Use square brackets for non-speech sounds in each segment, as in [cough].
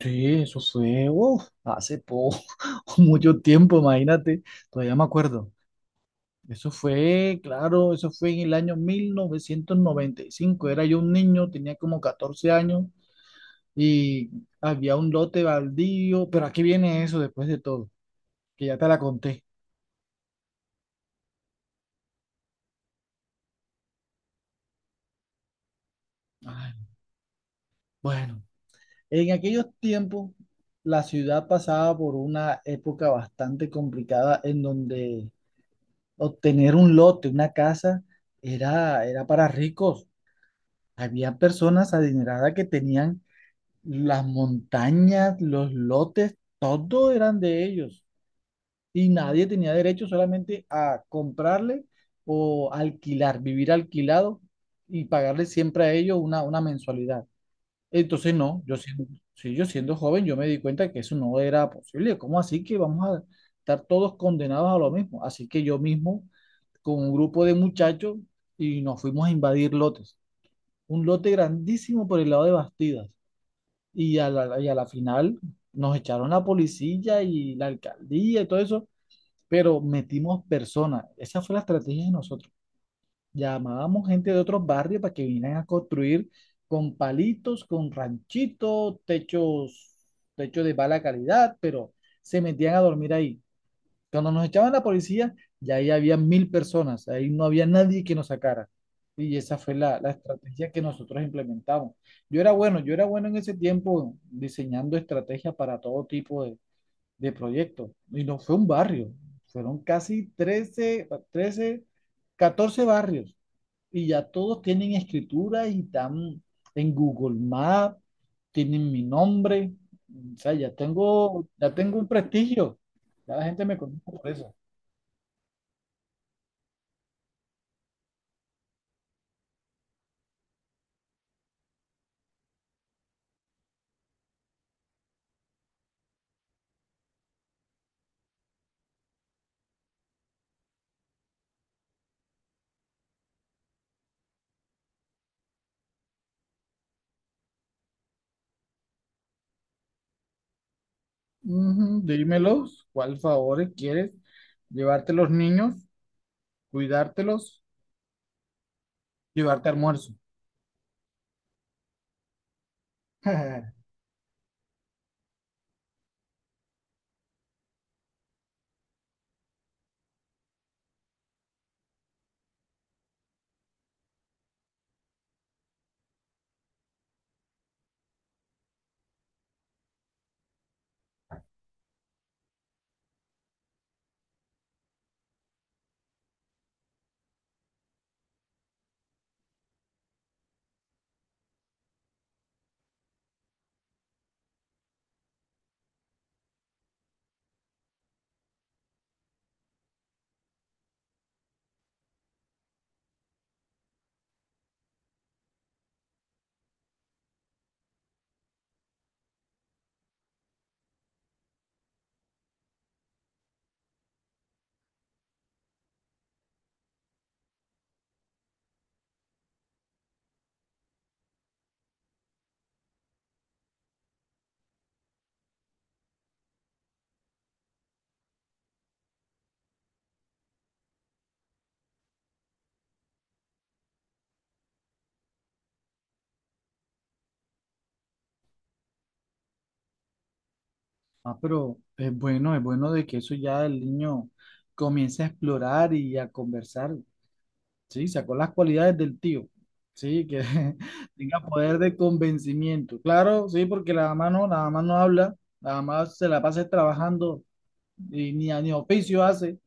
Sí, eso fue, uf, hace poco, [laughs] mucho tiempo, imagínate, todavía me acuerdo. Eso fue, claro, eso fue en el año 1995. Era yo un niño, tenía como 14 años y había un lote baldío, pero aquí viene eso después de todo, que ya te la conté. Ay, bueno, en aquellos tiempos la ciudad pasaba por una época bastante complicada en donde obtener un lote, una casa, era para ricos. Había personas adineradas que tenían las montañas, los lotes, todo eran de ellos. Y nadie tenía derecho solamente a comprarle o alquilar, vivir alquilado y pagarle siempre a ellos una mensualidad. Entonces, no, sí, yo siendo joven, yo me di cuenta que eso no era posible. ¿Cómo así que vamos a estar todos condenados a lo mismo? Así que yo mismo, con un grupo de muchachos, y nos fuimos a invadir lotes un lote grandísimo por el lado de Bastidas. Y a la final nos echaron la policía y la alcaldía y todo eso, pero metimos personas. Esa fue la estrategia de nosotros. Llamábamos gente de otros barrios para que vinieran a construir con palitos, con ranchitos, techos, techos de mala calidad, pero se metían a dormir ahí. Cuando nos echaban la policía, ya ahí había 1.000 personas, ahí no había nadie que nos sacara. Y esa fue la estrategia que nosotros implementamos. Yo era bueno en ese tiempo diseñando estrategias para todo tipo de proyectos. Y no fue un barrio, fueron casi trece, 14 barrios. Y ya todos tienen escritura y están en Google Maps, tienen mi nombre. O sea, ya tengo un prestigio. Ya la gente me conoce por eso. Ujú, dímelos, ¿cuál favor quieres? ¿Llevarte los niños? ¿Cuidártelos? ¿Llevarte almuerzo? [laughs] Ah, pero es bueno de que eso ya el niño comience a explorar y a conversar, ¿sí? Sacó las cualidades del tío, ¿sí? Que [laughs] tenga poder de convencimiento. Claro, sí, porque la mamá no habla, la mamá se la pasa trabajando y ni oficio hace.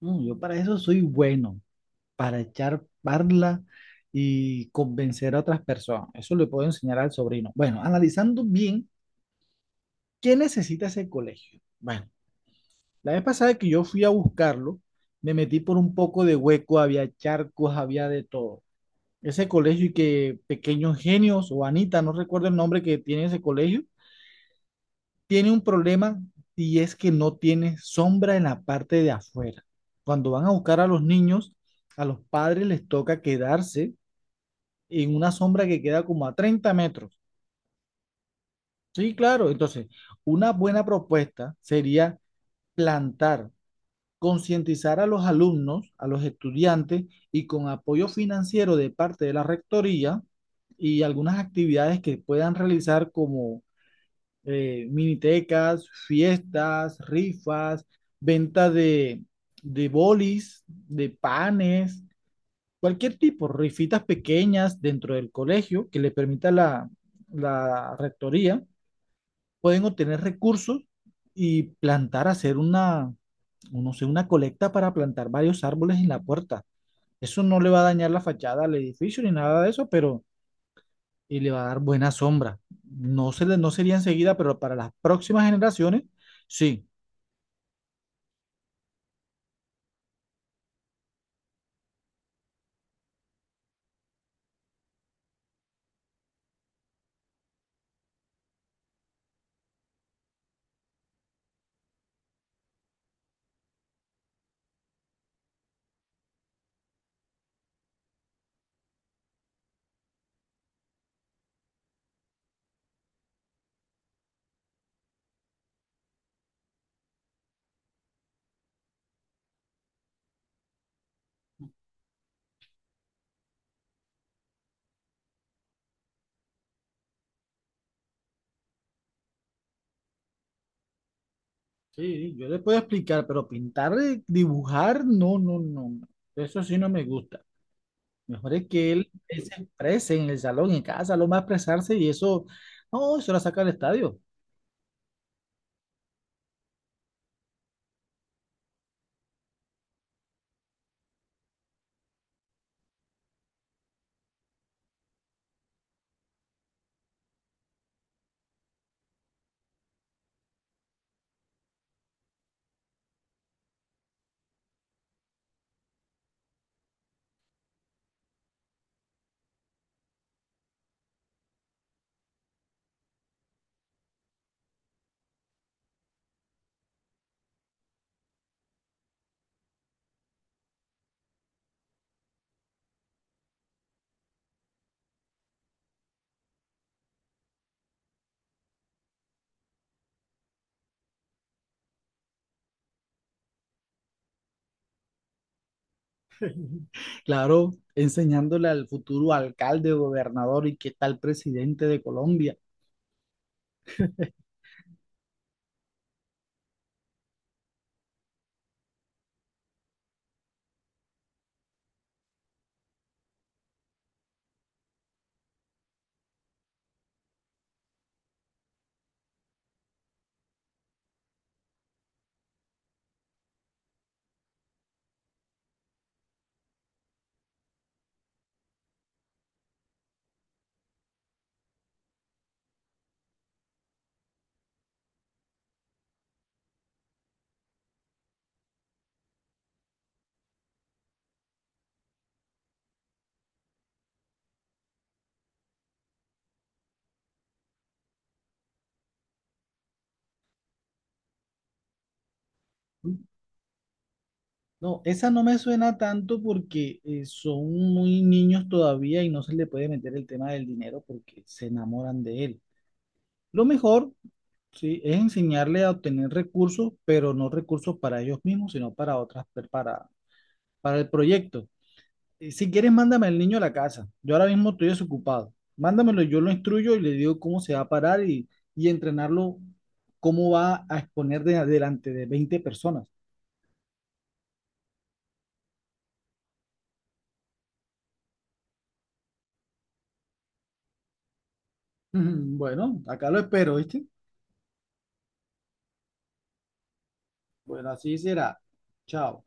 No, yo para eso soy bueno, para echar parla y convencer a otras personas. Eso le puedo enseñar al sobrino. Bueno, analizando bien, ¿qué necesita ese colegio? Bueno, la vez pasada que yo fui a buscarlo, me metí por un poco de hueco, había charcos, había de todo. Ese colegio y que Pequeños Genios o Anita, no recuerdo el nombre que tiene ese colegio, tiene un problema y es que no tiene sombra en la parte de afuera. Cuando van a buscar a los niños, a los padres les toca quedarse en una sombra que queda como a 30 metros. Sí, claro. Entonces, una buena propuesta sería plantar, concientizar a los alumnos, a los estudiantes y con apoyo financiero de parte de la rectoría y algunas actividades que puedan realizar como minitecas, fiestas, rifas, venta de bolis, de panes, cualquier tipo, rifitas pequeñas dentro del colegio que le permita la rectoría, pueden obtener recursos y plantar, hacer una, no sé, una colecta para plantar varios árboles en la puerta. Eso no le va a dañar la fachada al edificio ni nada de eso, pero y le va a dar buena sombra. No, se le, no sería enseguida, pero para las próximas generaciones, sí. Sí, yo le puedo explicar, pero pintar, dibujar, no, no, no. Eso sí no me gusta. Mejor es que él se exprese en el salón, en casa, lo más expresarse y eso, no, eso la saca del estadio. Claro, enseñándole al futuro alcalde, gobernador y que tal presidente de Colombia. No, esa no me suena tanto porque son muy niños todavía y no se le puede meter el tema del dinero porque se enamoran de él. Lo mejor, sí, es enseñarle a obtener recursos, pero no recursos para ellos mismos, sino para otras, para el proyecto. Si quieres, mándame al niño a la casa. Yo ahora mismo estoy desocupado. Mándamelo, yo lo instruyo y le digo cómo se va a parar y entrenarlo, cómo va a exponer delante de 20 personas. [laughs] Bueno, acá lo espero, ¿viste? Bueno, así será. Chao.